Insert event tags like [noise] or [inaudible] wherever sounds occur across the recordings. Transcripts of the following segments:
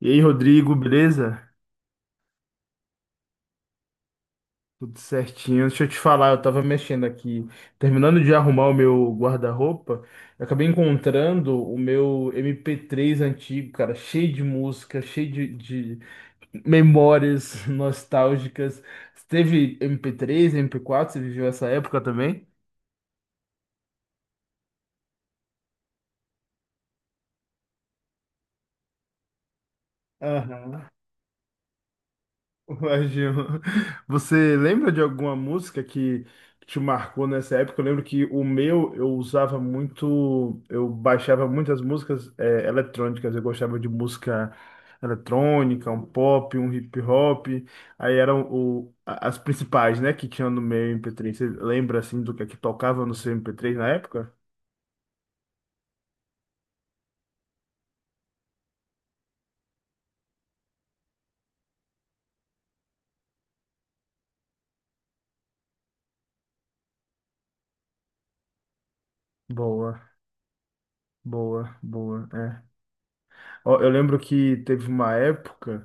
E aí, Rodrigo, beleza? Tudo certinho. Deixa eu te falar, eu tava mexendo aqui, terminando de arrumar o meu guarda-roupa, eu acabei encontrando o meu MP3 antigo, cara, cheio de música, cheio de memórias [laughs] nostálgicas. Você teve MP3, MP4? Você viveu essa época também? Aham. Ué, Gil, você lembra de alguma música que te marcou nessa época? Eu lembro que o meu eu usava muito, eu baixava muitas músicas eletrônicas, eu gostava de música eletrônica, um pop, um hip hop, aí eram as principais, né, que tinham no meu MP3. Você lembra assim do que é que tocava no seu MP3 na época? Boa, boa, boa, é. Ó, eu lembro que teve uma época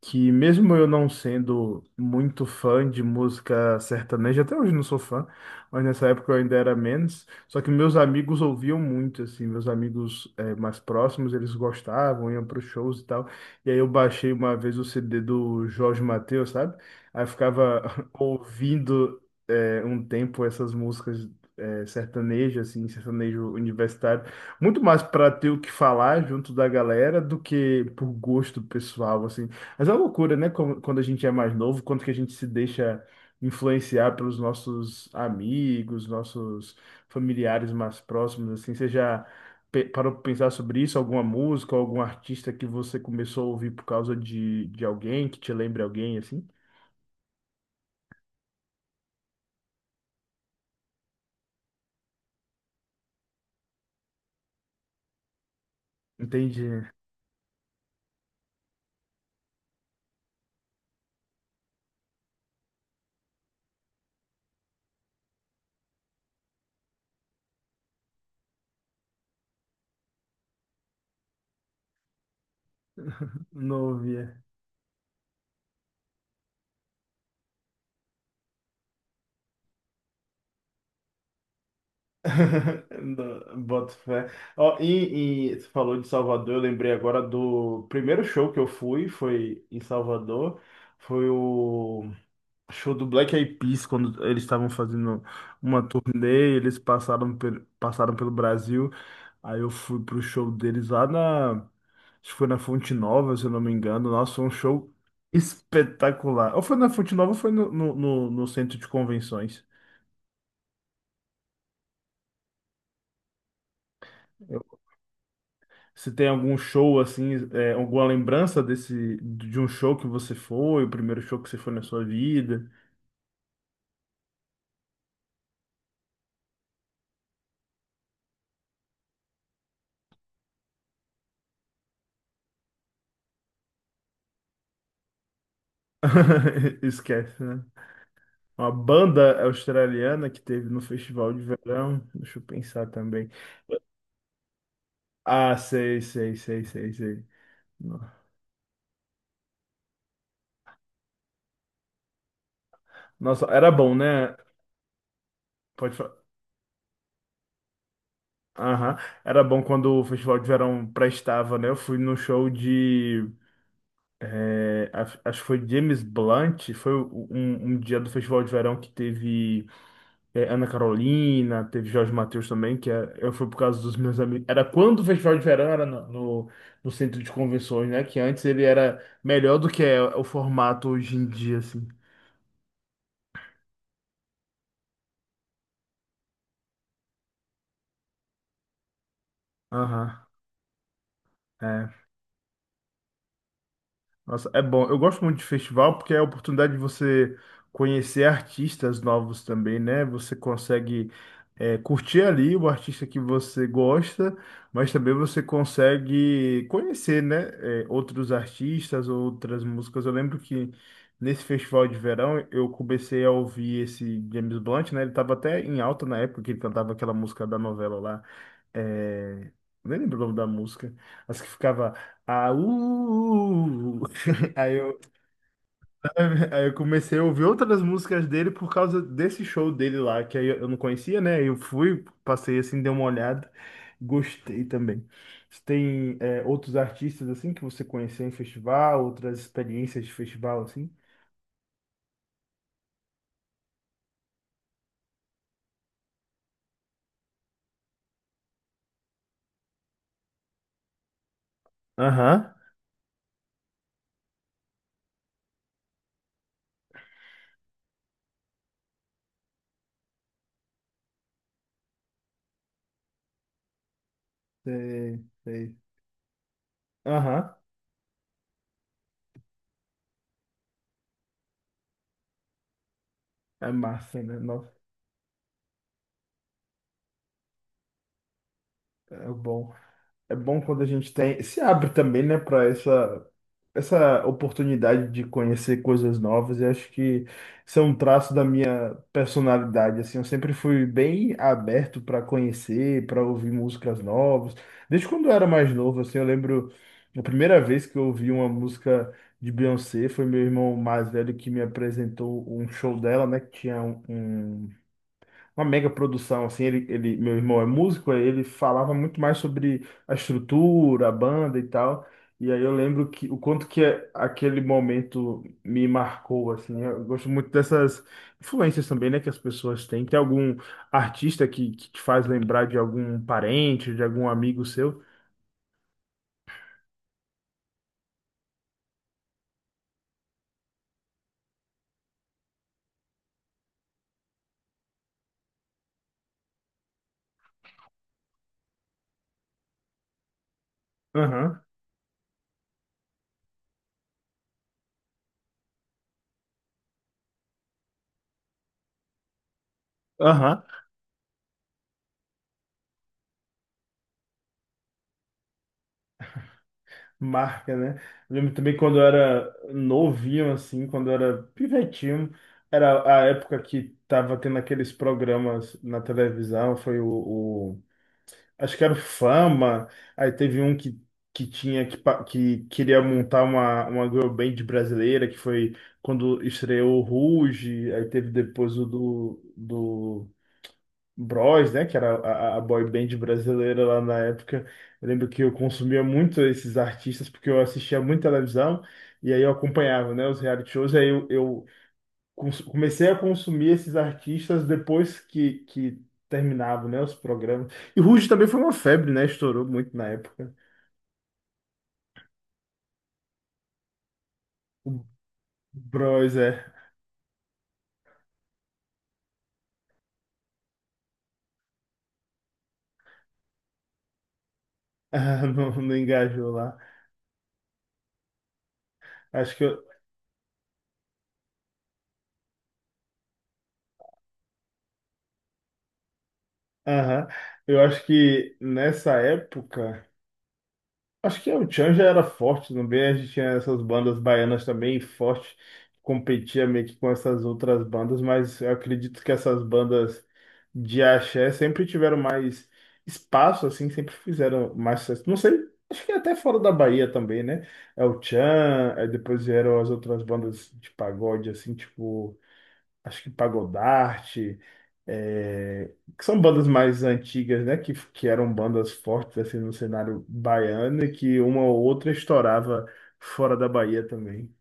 que mesmo eu não sendo muito fã de música sertaneja, até hoje não sou fã, mas nessa época eu ainda era menos, só que meus amigos ouviam muito, assim, meus amigos mais próximos, eles gostavam, iam para os shows e tal, e aí eu baixei uma vez o CD do Jorge Mateus, sabe? Aí eu ficava [laughs] ouvindo um tempo essas músicas sertanejas, assim, sertanejo universitário, muito mais para ter o que falar junto da galera do que por gosto pessoal, assim, mas é uma loucura, né? Quando a gente é mais novo, quanto que a gente se deixa influenciar pelos nossos amigos, nossos familiares mais próximos, assim. Você já parou para pensar sobre isso? Alguma música, algum artista que você começou a ouvir por causa de alguém, que te lembre alguém, assim? Entendi. Não ouvia. [laughs] Não, boto fé. Ó, e você falou de Salvador, eu lembrei agora do primeiro show que eu fui, foi em Salvador. Foi o show do Black Eyed Peas, quando eles estavam fazendo uma turnê, eles passaram, passaram pelo Brasil. Aí eu fui pro show deles lá na... Acho que foi na Fonte Nova, se eu não me engano. Nossa, foi um show espetacular. Ou foi na Fonte Nova ou foi no, no centro de convenções. Eu... Se tem algum show assim, é, alguma lembrança desse de um show que você foi, o primeiro show que você foi na sua vida? [laughs] Esquece, né? Uma banda australiana que teve no festival de verão. Deixa eu pensar também. Ah, sei, sei, sei, sei, sei. Nossa, era bom, né? Pode falar. Aham. Era bom quando o festival de verão prestava, né? Eu fui no show de... acho que foi James Blunt. Foi um dia do festival de verão que teve Ana Carolina, teve Jorge Mateus também, que é, eu fui por causa dos meus amigos. Era quando o Festival de Verão era no centro de convenções, né? Que antes ele era melhor do que é o formato hoje em dia, assim. Aham. Nossa, é bom. Eu gosto muito de festival porque é a oportunidade de você conhecer artistas novos também, né? Você consegue curtir ali o artista que você gosta, mas também você consegue conhecer, né? Outros artistas, outras músicas. Eu lembro que nesse festival de verão eu comecei a ouvir esse James Blunt, né? Ele estava até em alta na época que ele cantava aquela música da novela lá. É... Nem lembro o nome da música, mas que ficava... Aú! Aí eu, [laughs] aí eu comecei a ouvir outras músicas dele por causa desse show dele lá, que aí eu não conhecia, né? Eu fui, passei assim, dei uma olhada, gostei também. Você tem, é, outros artistas assim que você conheceu em festival, outras experiências de festival assim? Aham. Sei, sei. Aham. É massa, né? Nossa, é bom. É bom quando a gente tem, se abre também, né, para essa essa oportunidade de conhecer coisas novas. E acho que isso é um traço da minha personalidade. Assim, eu sempre fui bem aberto para conhecer, para ouvir músicas novas. Desde quando eu era mais novo, assim, eu lembro a primeira vez que eu ouvi uma música de Beyoncé foi meu irmão mais velho que me apresentou um show dela, né, que tinha uma mega produção, assim, meu irmão é músico, aí ele falava muito mais sobre a estrutura, a banda e tal. E aí eu lembro que o quanto que aquele momento me marcou, assim. Eu gosto muito dessas influências também, né, que as pessoas têm. Tem algum artista que te faz lembrar de algum parente, de algum amigo seu? Aham, aham. Marca, né? Eu lembro também quando eu era novinho, assim, quando eu era pivetinho, era a época que tava tendo aqueles programas na televisão, foi o- acho que era o Fama, aí teve um que tinha, que queria montar uma girl band brasileira, que foi quando estreou o Ruge, aí teve depois o do Bros, né? Que era a boy band brasileira lá na época. Eu lembro que eu consumia muito esses artistas porque eu assistia muito televisão e aí eu acompanhava, né? Os reality shows. Aí eu comecei a consumir esses artistas depois que terminavam, né? Os programas. E Ruge também foi uma febre, né? Estourou muito na época. Bros, é. [laughs] Ah, não, não engajou lá. Acho que eu... Aham. Eu acho que nessa época... Acho que o Tchan já era forte também, a gente tinha essas bandas baianas também forte, competia meio que com essas outras bandas, mas eu acredito que essas bandas de axé sempre tiveram mais espaço, assim, sempre fizeram mais sucesso. Não sei, acho que até fora da Bahia também, né? É o Tchan, aí depois vieram as outras bandas de pagode, assim, tipo acho que Pagodarte, é, que são bandas mais antigas, né? Que eram bandas fortes assim no cenário baiano e que uma ou outra estourava fora da Bahia também.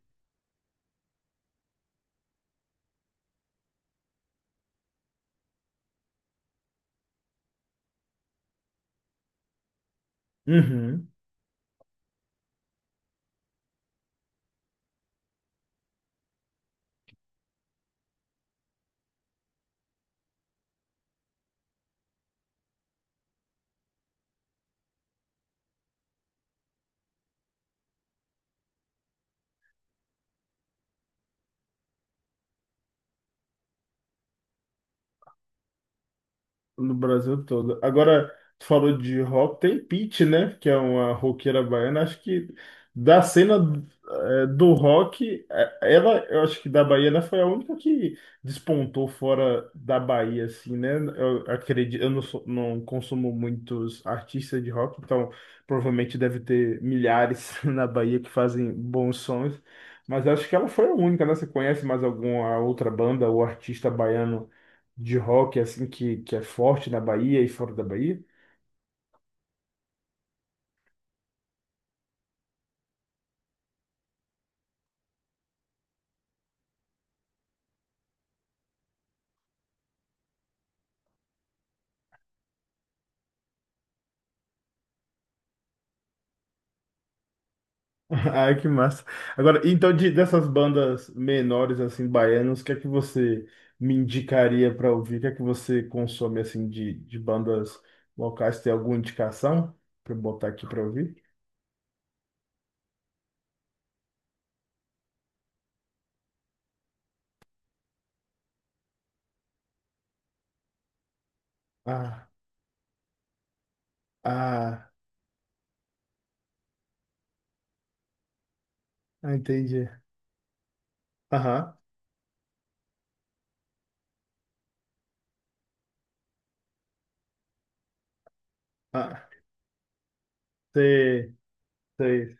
Uhum. No Brasil todo. Agora, tu falou de rock, tem Pitty, né? Que é uma roqueira baiana. Acho que da cena do rock, ela, eu acho que da Bahia, né, foi a única que despontou fora da Bahia, assim, né? Eu acredito, eu não, sou- não consumo muitos artistas de rock, então provavelmente deve ter milhares [laughs] na Bahia que fazem bons sons. Mas acho que ela foi a única, né? Você conhece mais alguma outra banda ou artista baiano de rock assim que é forte na Bahia e fora da Bahia? [laughs] Ai, que massa. Agora, então, dessas bandas menores, assim, baianas, o que é que você me indicaria para ouvir? O que é que você consome, assim, de bandas locais? Tem alguma indicação para botar aqui para ouvir? Ah, ah, ah, entendi. Aham, ah, sei, sei.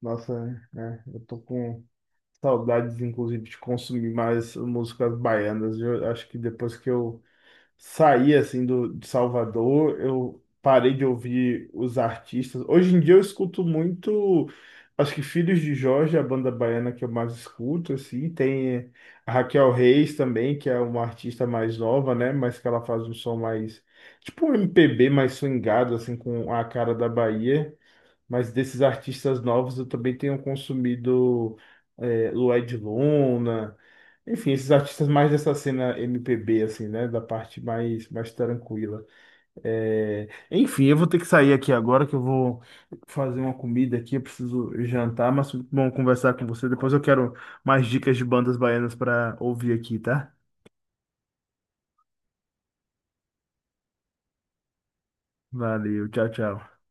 Nossa, né? Eu tô com saudades, inclusive, de consumir mais músicas baianas. Eu acho que depois que eu saí assim do, de Salvador, eu parei de ouvir os artistas. Hoje em dia eu escuto muito, acho que Filhos de Jorge, é a banda baiana que eu mais escuto, assim. Tem a Raquel Reis também, que é uma artista mais nova, né? Mas que ela faz um som mais, tipo um MPB mais swingado, assim, com a cara da Bahia. Mas desses artistas novos eu também tenho consumido Lued Luna, enfim, esses artistas mais dessa cena MPB, assim, né? Da parte mais, mais tranquila. É, enfim, eu vou ter que sair aqui agora que eu vou fazer uma comida aqui, eu preciso jantar, mas foi muito bom conversar com você. Depois eu quero mais dicas de bandas baianas para ouvir aqui, tá? Valeu, tchau, tchau.